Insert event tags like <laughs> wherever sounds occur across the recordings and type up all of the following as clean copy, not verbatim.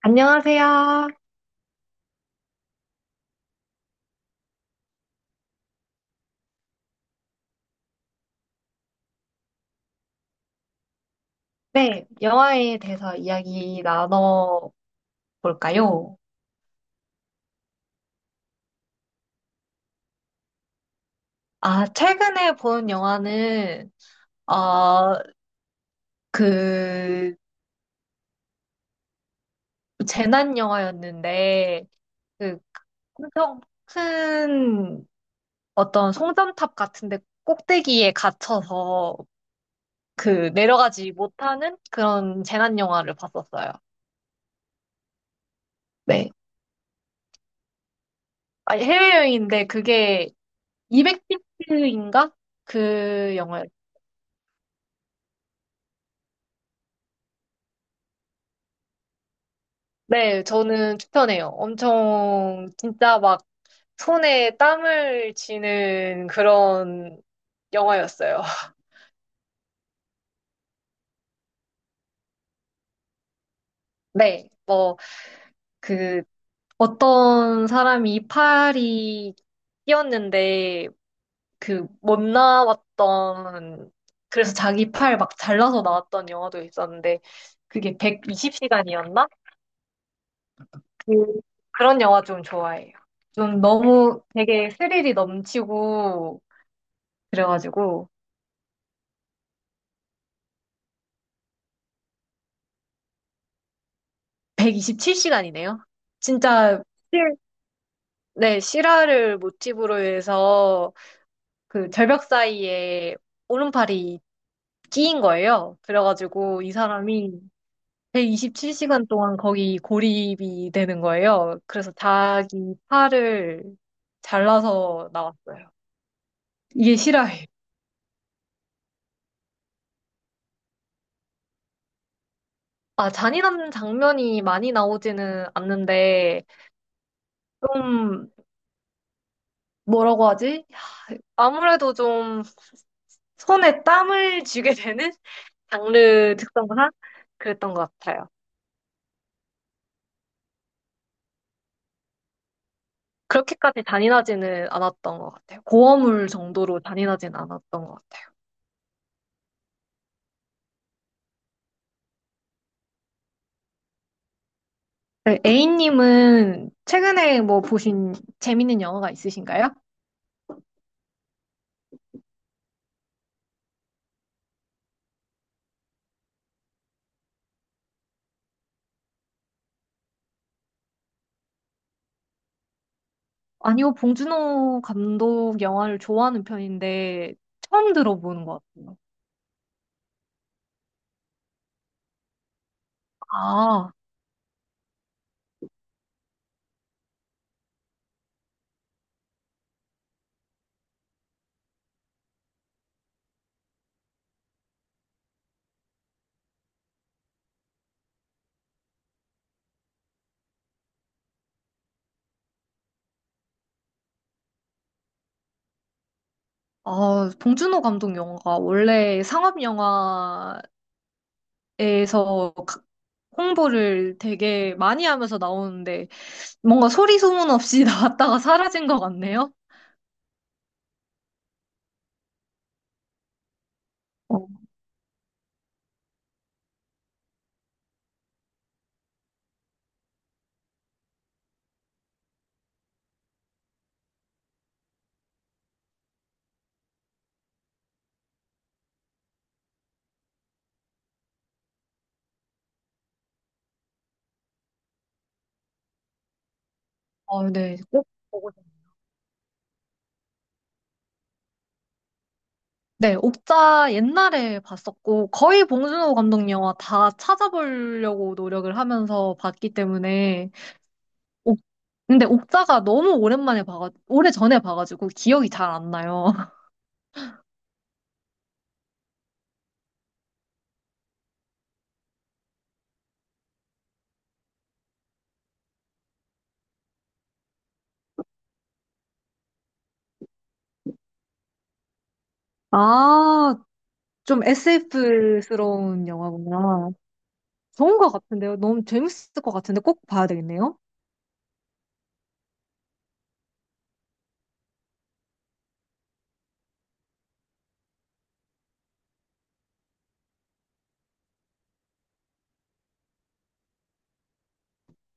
안녕하세요. 네, 영화에 대해서 이야기 나눠볼까요? 아, 최근에 본 영화는, 어, 그, 재난 영화였는데, 그, 엄청 큰 어떤 송전탑 같은데 꼭대기에 갇혀서 그 내려가지 못하는 그런 재난 영화를 봤었어요. 네. 아, 해외여행인데 그게 2 0 0인가 그 영화였죠? 네, 저는 추천해요. 엄청 진짜 막 손에 땀을 쥐는 그런 영화였어요. <laughs> 네, 뭐 그 어떤 사람이 이파리 끼었는데 그 못 나왔던 그래서 자기 팔 막 잘라서 나왔던 영화도 있었는데 그게 120시간이었나? 그 그런 영화 좀 좋아해요. 좀 너무 되게 스릴이 넘치고 그래가지고 127시간이네요. 진짜 실- 네, 실화를 모티브로 해서 그 절벽 사이에 오른팔이 끼인 거예요. 그래가지고 이 사람이 127시간 동안 거기 고립이 되는 거예요. 그래서 자기 팔을 잘라서 나왔어요. 이게 실화예요. 아, 잔인한 장면이 많이 나오지는 않는데 좀 뭐라고 하지? 아무래도 좀 손에 땀을 쥐게 되는? 장르 특성상 그랬던 것 같아요. 그렇게까지 잔인하지는 않았던 것 같아요. 고어물 정도로 잔인하지는 않았던 것 같아요. 네, A님은 최근에 뭐 보신 재밌는 영화가 있으신가요? 아니요, 봉준호 감독 영화를 좋아하는 편인데 처음 들어보는 것 같아요. 아, 아, 봉준호 감독 영화가 원래 상업 영화에서 가- 홍보를 되게 많이 하면서 나오는데 뭔가 소리 소문 없이 <laughs> 나왔다가 사라진 것 같네요. 어, 아, 네. 네, 옥자 옛날에 봤었고, 거의 봉준호 감독 영화 다 찾아보려고 노력을 하면서 봤기 때문에, 옥- 근데 옥자가 너무 오래전에 봐가지고 기억이 잘 안 나요. <laughs> 아, 좀 SF스러운 영화구나. 좋은 것 같은데요. 너무 재밌을 것 같은데 꼭 봐야 되겠네요.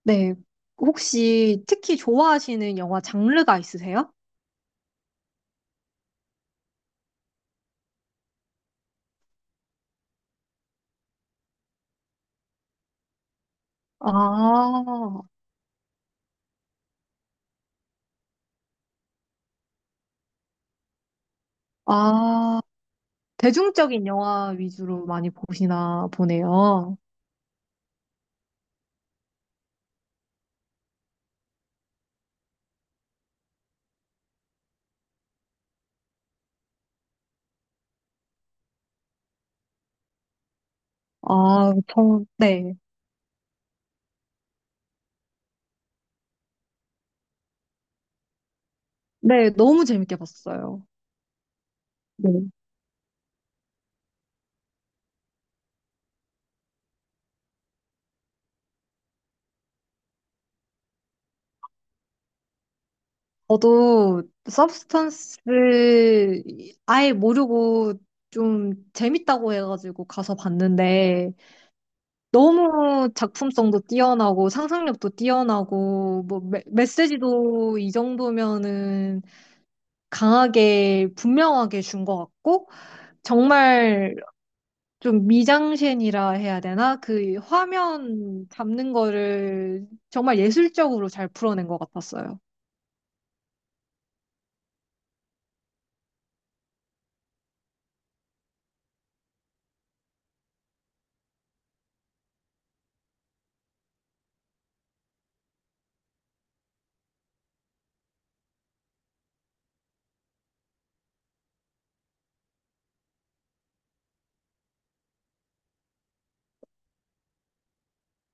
네. 혹시 특히 좋아하시는 영화 장르가 있으세요? 아, 아, 대중적인 영화 위주로 많이 보시나 보네요. 아, 저, 네. 네, 너무 재밌게 봤어요. 네. 저도 서브스턴스 아예 모르고 좀 재밌다고 해가지고 가서 봤는데 너무 작품성도 뛰어나고 상상력도 뛰어나고 뭐 메시지도 이 정도면은 강하게 분명하게 준 것 같고 정말 좀 미장센이라 해야 되나? 그 화면 잡는 거를 정말 예술적으로 잘 풀어낸 것 같았어요.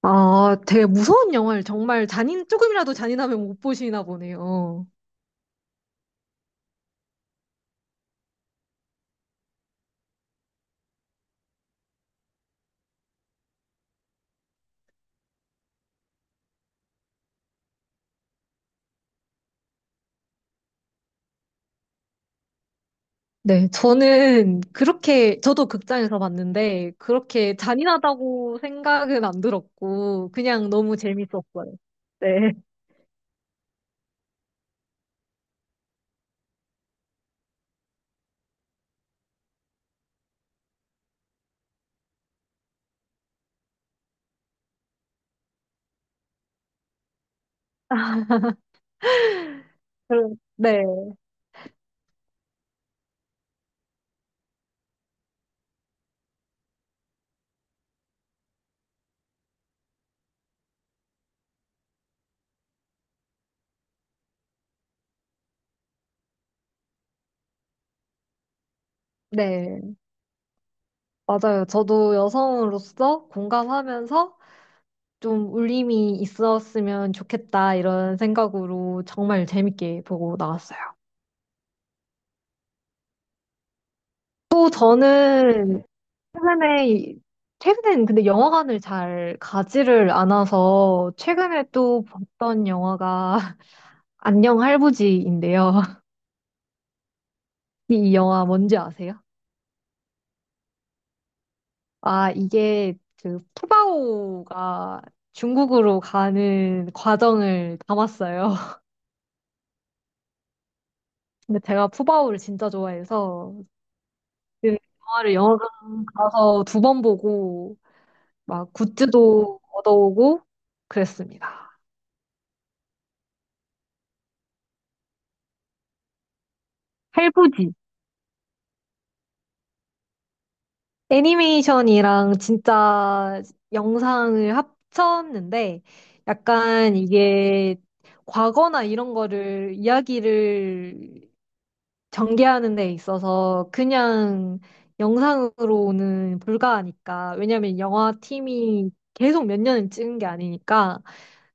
아, 되게 무서운 영화를 정말 조금이라도 잔인하면 못 보시나 보네요. 네, 저는 저도 극장에서 봤는데, 그렇게 잔인하다고 생각은 안 들었고, 그냥 너무 재밌었어요. 네. <laughs> 네, 네, 맞아요. 저도 여성으로서 공감하면서 좀 울림이 있었으면 좋겠다 이런 생각으로 정말 재밌게 보고 나왔어요. 또 저는 최근에 최근엔 근데 영화관을 잘 가지를 않아서 최근에 또 봤던 영화가 <laughs> 안녕 할부지인데요. <laughs> 이 영화 뭔지 아세요? 아, 이게 그 푸바오가 중국으로 가는 과정을 담았어요. <laughs> 근데 제가 푸바오를 진짜 좋아해서 그 영화를 영화관 가서 두 번 보고 막 굿즈도 얻어오고 그랬습니다. 할부지. 애니메이션이랑 진짜 영상을 합쳤는데 약간 이게 과거나 이런 거를 이야기를 전개하는 데 있어서 그냥 영상으로는 불가하니까 왜냐면 영화 팀이 계속 몇 년을 찍은 게 아니니까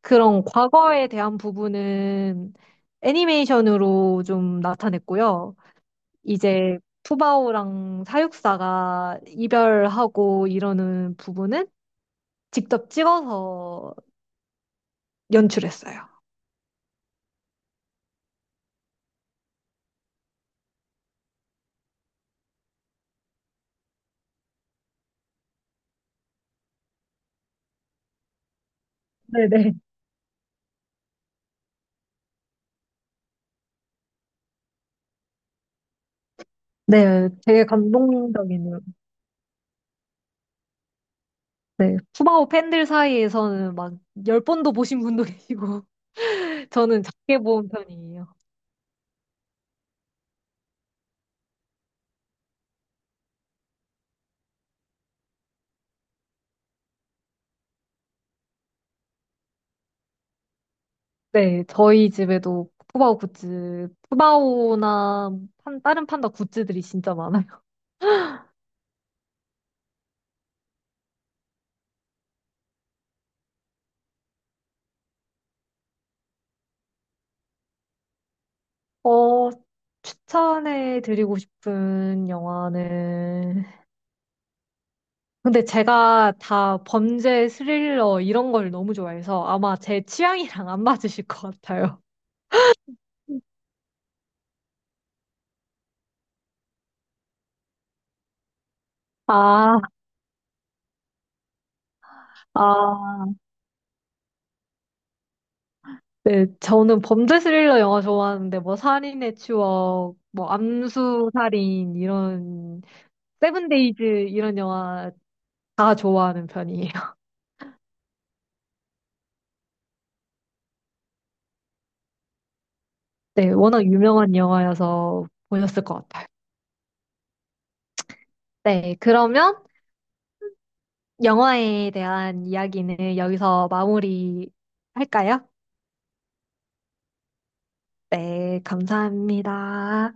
그런 과거에 대한 부분은 애니메이션으로 좀 나타냈고요. 이제 푸바오랑 사육사가 이별하고 이러는 부분은 직접 찍어서 연출했어요. 네네. 네, 되게 감동적이네요. 네, 푸바오 팬들 사이에서는 막 10번도 보신 분도 계시고, <laughs> 저는 작게 본 편이에요. 네, 저희 집에도 푸바오 굿즈, 푸바오나 다른 판다 굿즈들이 진짜 많아요. 어, 추천해 드리고 싶은 영화는. 근데 제가 다 범죄 스릴러 이런 걸 너무 좋아해서 아마 제 취향이랑 안 맞으실 것 같아요. 아, 아, 네, 저는 범죄 스릴러 영화 좋아하는데 뭐 살인의 추억, 뭐 암수 살인 이런 세븐데이즈 이런 영화 다 좋아하는 편이에요. <laughs> 네, 워낙 유명한 영화여서 보셨을 것 같아요. 네, 그러면 영화에 대한 이야기는 여기서 마무리 할까요? 네, 감사합니다.